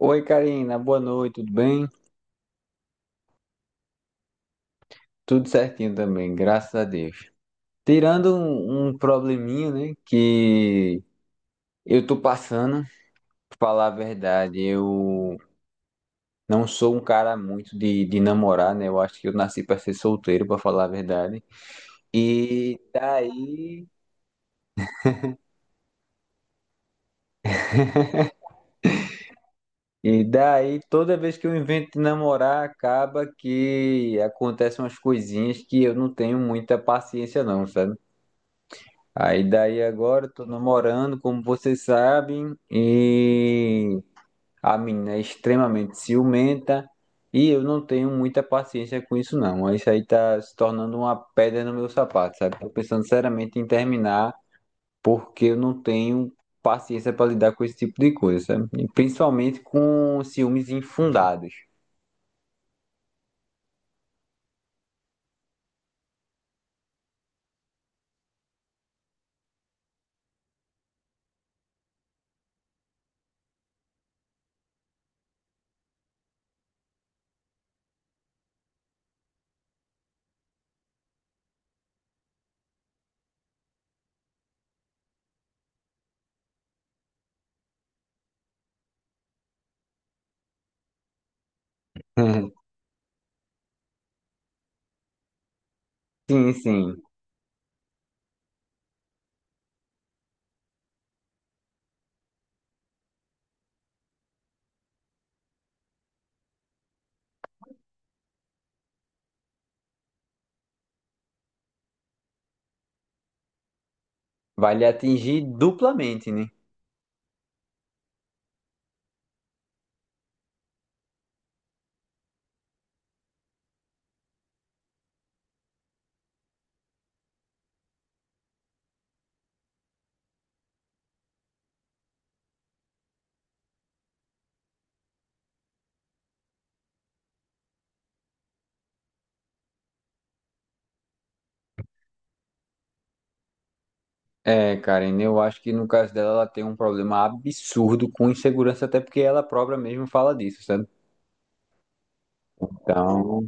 Oi, Karina, boa noite, tudo bem? Tudo certinho também, graças a Deus. Tirando um probleminha, né, que eu tô passando, pra falar a verdade, eu não sou um cara muito de namorar, né? Eu acho que eu nasci pra ser solteiro, pra falar a verdade. E daí, toda vez que eu invento de namorar, acaba que acontecem umas coisinhas que eu não tenho muita paciência, não, sabe? Aí daí agora eu tô namorando, como vocês sabem, e a menina é extremamente ciumenta e eu não tenho muita paciência com isso não. Isso aí tá se tornando uma pedra no meu sapato, sabe? Tô pensando seriamente em terminar porque eu não tenho paciência para lidar com esse tipo de coisa, sabe? E principalmente com ciúmes infundados. Sim, sim. Vai lhe atingir duplamente, né? É, Karen, eu acho que no caso dela ela tem um problema absurdo com insegurança, até porque ela própria mesmo fala disso, sabe? Então,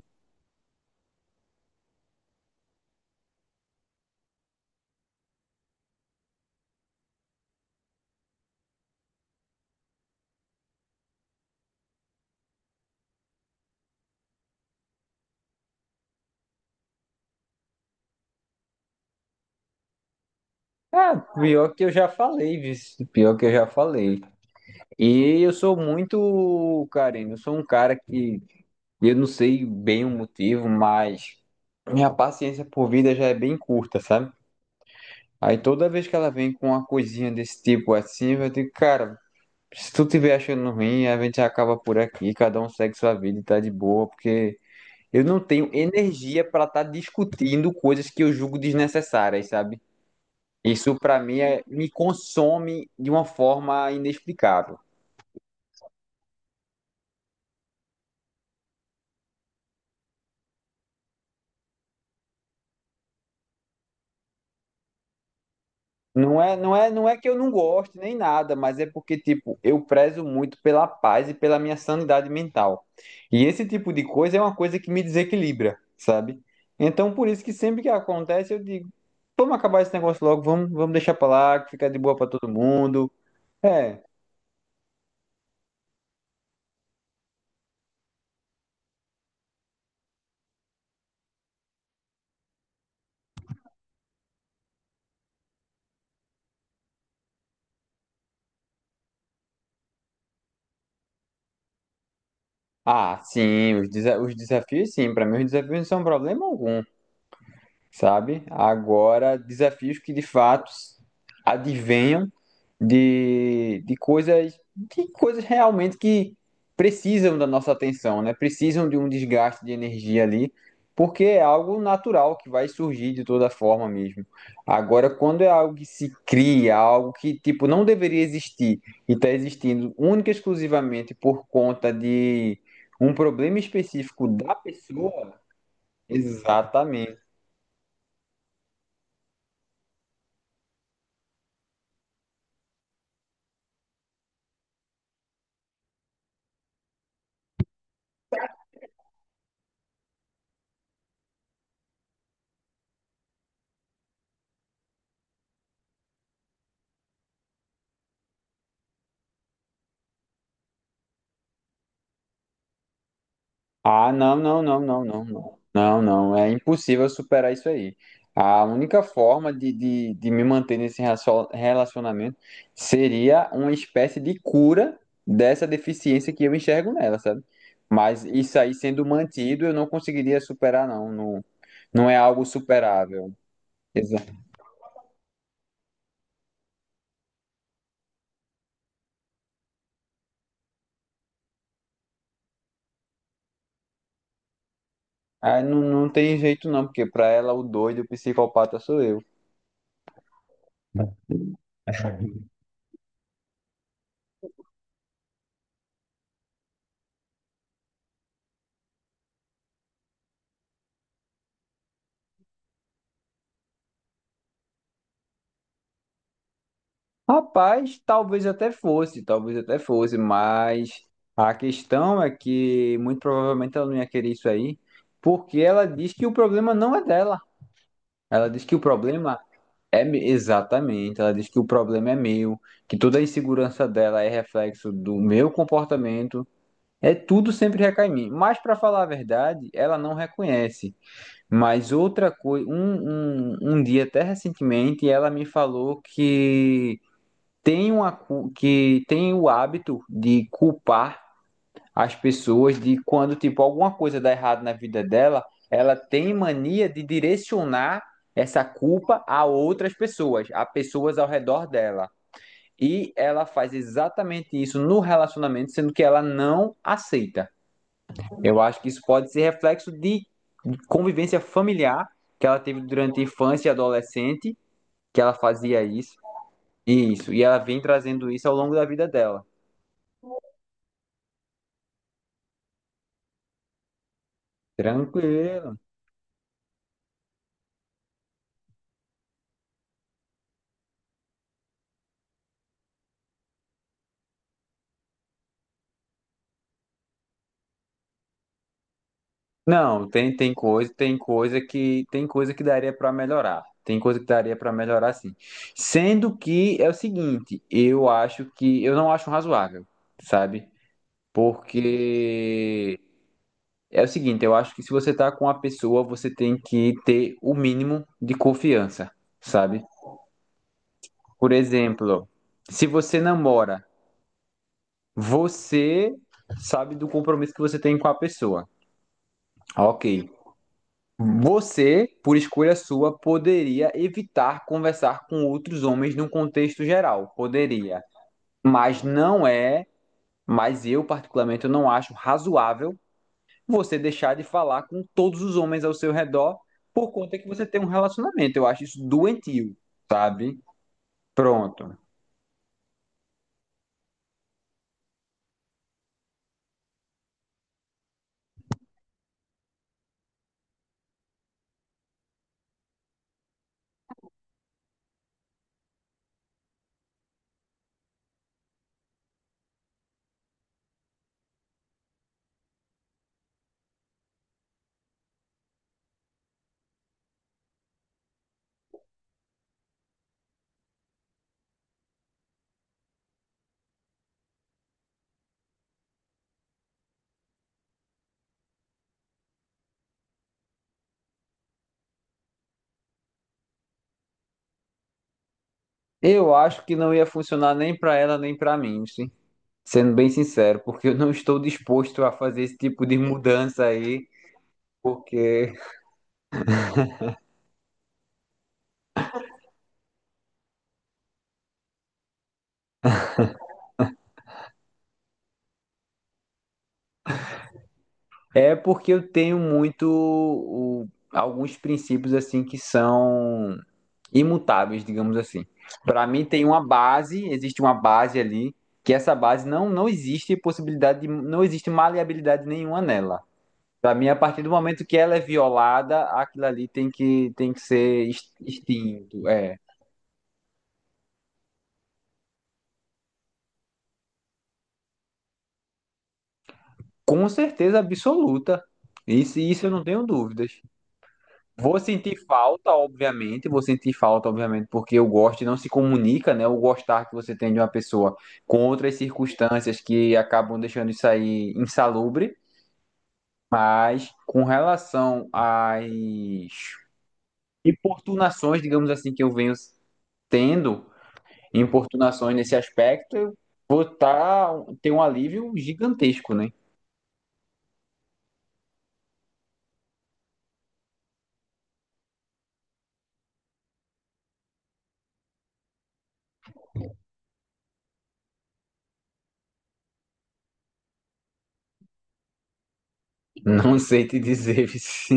é, pior que eu já falei, viu? Pior que eu já falei. E eu sou muito, Karen, eu sou um cara que eu não sei bem o motivo, mas minha paciência por vida já é bem curta, sabe? Aí toda vez que ela vem com uma coisinha desse tipo assim, eu digo, cara, se tu tiver achando ruim, a gente acaba por aqui, cada um segue sua vida e tá de boa, porque eu não tenho energia para estar discutindo coisas que eu julgo desnecessárias, sabe? Isso para mim é, me consome de uma forma inexplicável. Não é, não é, não é que eu não goste nem nada, mas é porque tipo, eu prezo muito pela paz e pela minha sanidade mental. E esse tipo de coisa é uma coisa que me desequilibra, sabe? Então por isso que sempre que acontece eu digo, vamos acabar esse negócio logo, vamos, deixar pra lá, que fica de boa para todo mundo. É, ah, sim, os desafios, sim. Para mim, os desafios não são problema algum, sabe? Agora, desafios que de fato advenham de coisas, de coisas realmente que precisam da nossa atenção, né? Precisam de um desgaste de energia ali, porque é algo natural que vai surgir de toda forma mesmo. Agora, quando é algo que se cria, algo que tipo não deveria existir e está existindo única e exclusivamente por conta de um problema específico da pessoa, exatamente. Ah, não, não, não, não, não, não. Não, não, é impossível superar isso aí. A única forma de me manter nesse relacionamento seria uma espécie de cura dessa deficiência que eu enxergo nela, sabe? Mas isso aí sendo mantido, eu não conseguiria superar, não. Não, não é algo superável. Exato. Ah, não, não tem jeito, não, porque para ela o doido, o psicopata sou eu. Rapaz, talvez até fosse, mas a questão é que muito provavelmente ela não ia querer isso aí, porque ela diz que o problema não é dela. Ela diz que o problema é exatamente, ela diz que o problema é meu, que toda a insegurança dela é reflexo do meu comportamento, é tudo sempre recai em mim. Mas para falar a verdade, ela não reconhece. Mas outra coisa, um dia até recentemente, ela me falou que tem uma, que tem o hábito de culpar as pessoas de quando, tipo, alguma coisa dá errado na vida dela, ela tem mania de direcionar essa culpa a outras pessoas, a pessoas ao redor dela. E ela faz exatamente isso no relacionamento, sendo que ela não aceita. Eu acho que isso pode ser reflexo de convivência familiar que ela teve durante a infância e adolescente, que ela fazia isso, isso, e ela vem trazendo isso ao longo da vida dela. Tranquilo. Não, tem, tem coisa, tem coisa que daria para melhorar. Tem coisa que daria para melhorar, sim. Sendo que é o seguinte, eu acho que eu não acho razoável, sabe? Porque é o seguinte, eu acho que se você tá com uma pessoa, você tem que ter o mínimo de confiança, sabe? Por exemplo, se você namora, você sabe do compromisso que você tem com a pessoa. Ok. Você, por escolha sua, poderia evitar conversar com outros homens num contexto geral. Poderia. Mas não é, mas eu particularmente eu não acho razoável você deixar de falar com todos os homens ao seu redor por conta que você tem um relacionamento. Eu acho isso doentio, sabe? Pronto. Eu acho que não ia funcionar nem pra ela nem pra mim, sim. Sendo bem sincero, porque eu não estou disposto a fazer esse tipo de mudança aí, porque é porque eu tenho muito alguns princípios assim que são imutáveis, digamos assim. Para mim tem uma base, existe uma base ali, que essa base não existe possibilidade de, não existe maleabilidade nenhuma nela. Para mim, a partir do momento que ela é violada, aquilo ali tem que ser extinto, é, com certeza absoluta. Isso eu não tenho dúvidas. Vou sentir falta, obviamente, vou sentir falta, obviamente, porque o gosto não se comunica, né? O gostar que você tem de uma pessoa com outras circunstâncias que acabam deixando isso aí insalubre, mas com relação às importunações, digamos assim, que eu venho tendo, importunações nesse aspecto, eu vou tá, ter um alívio gigantesco, né? Não sei te dizer, Vici.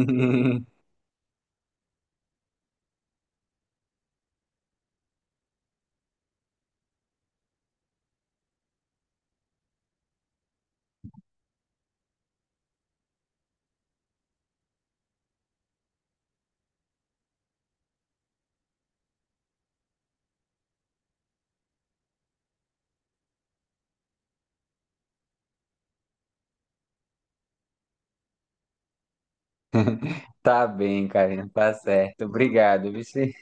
Tá bem, Karina, tá certo. Obrigado, Vici.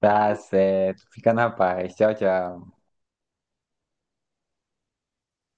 Tá certo. Fica na paz. Tchau, tchau.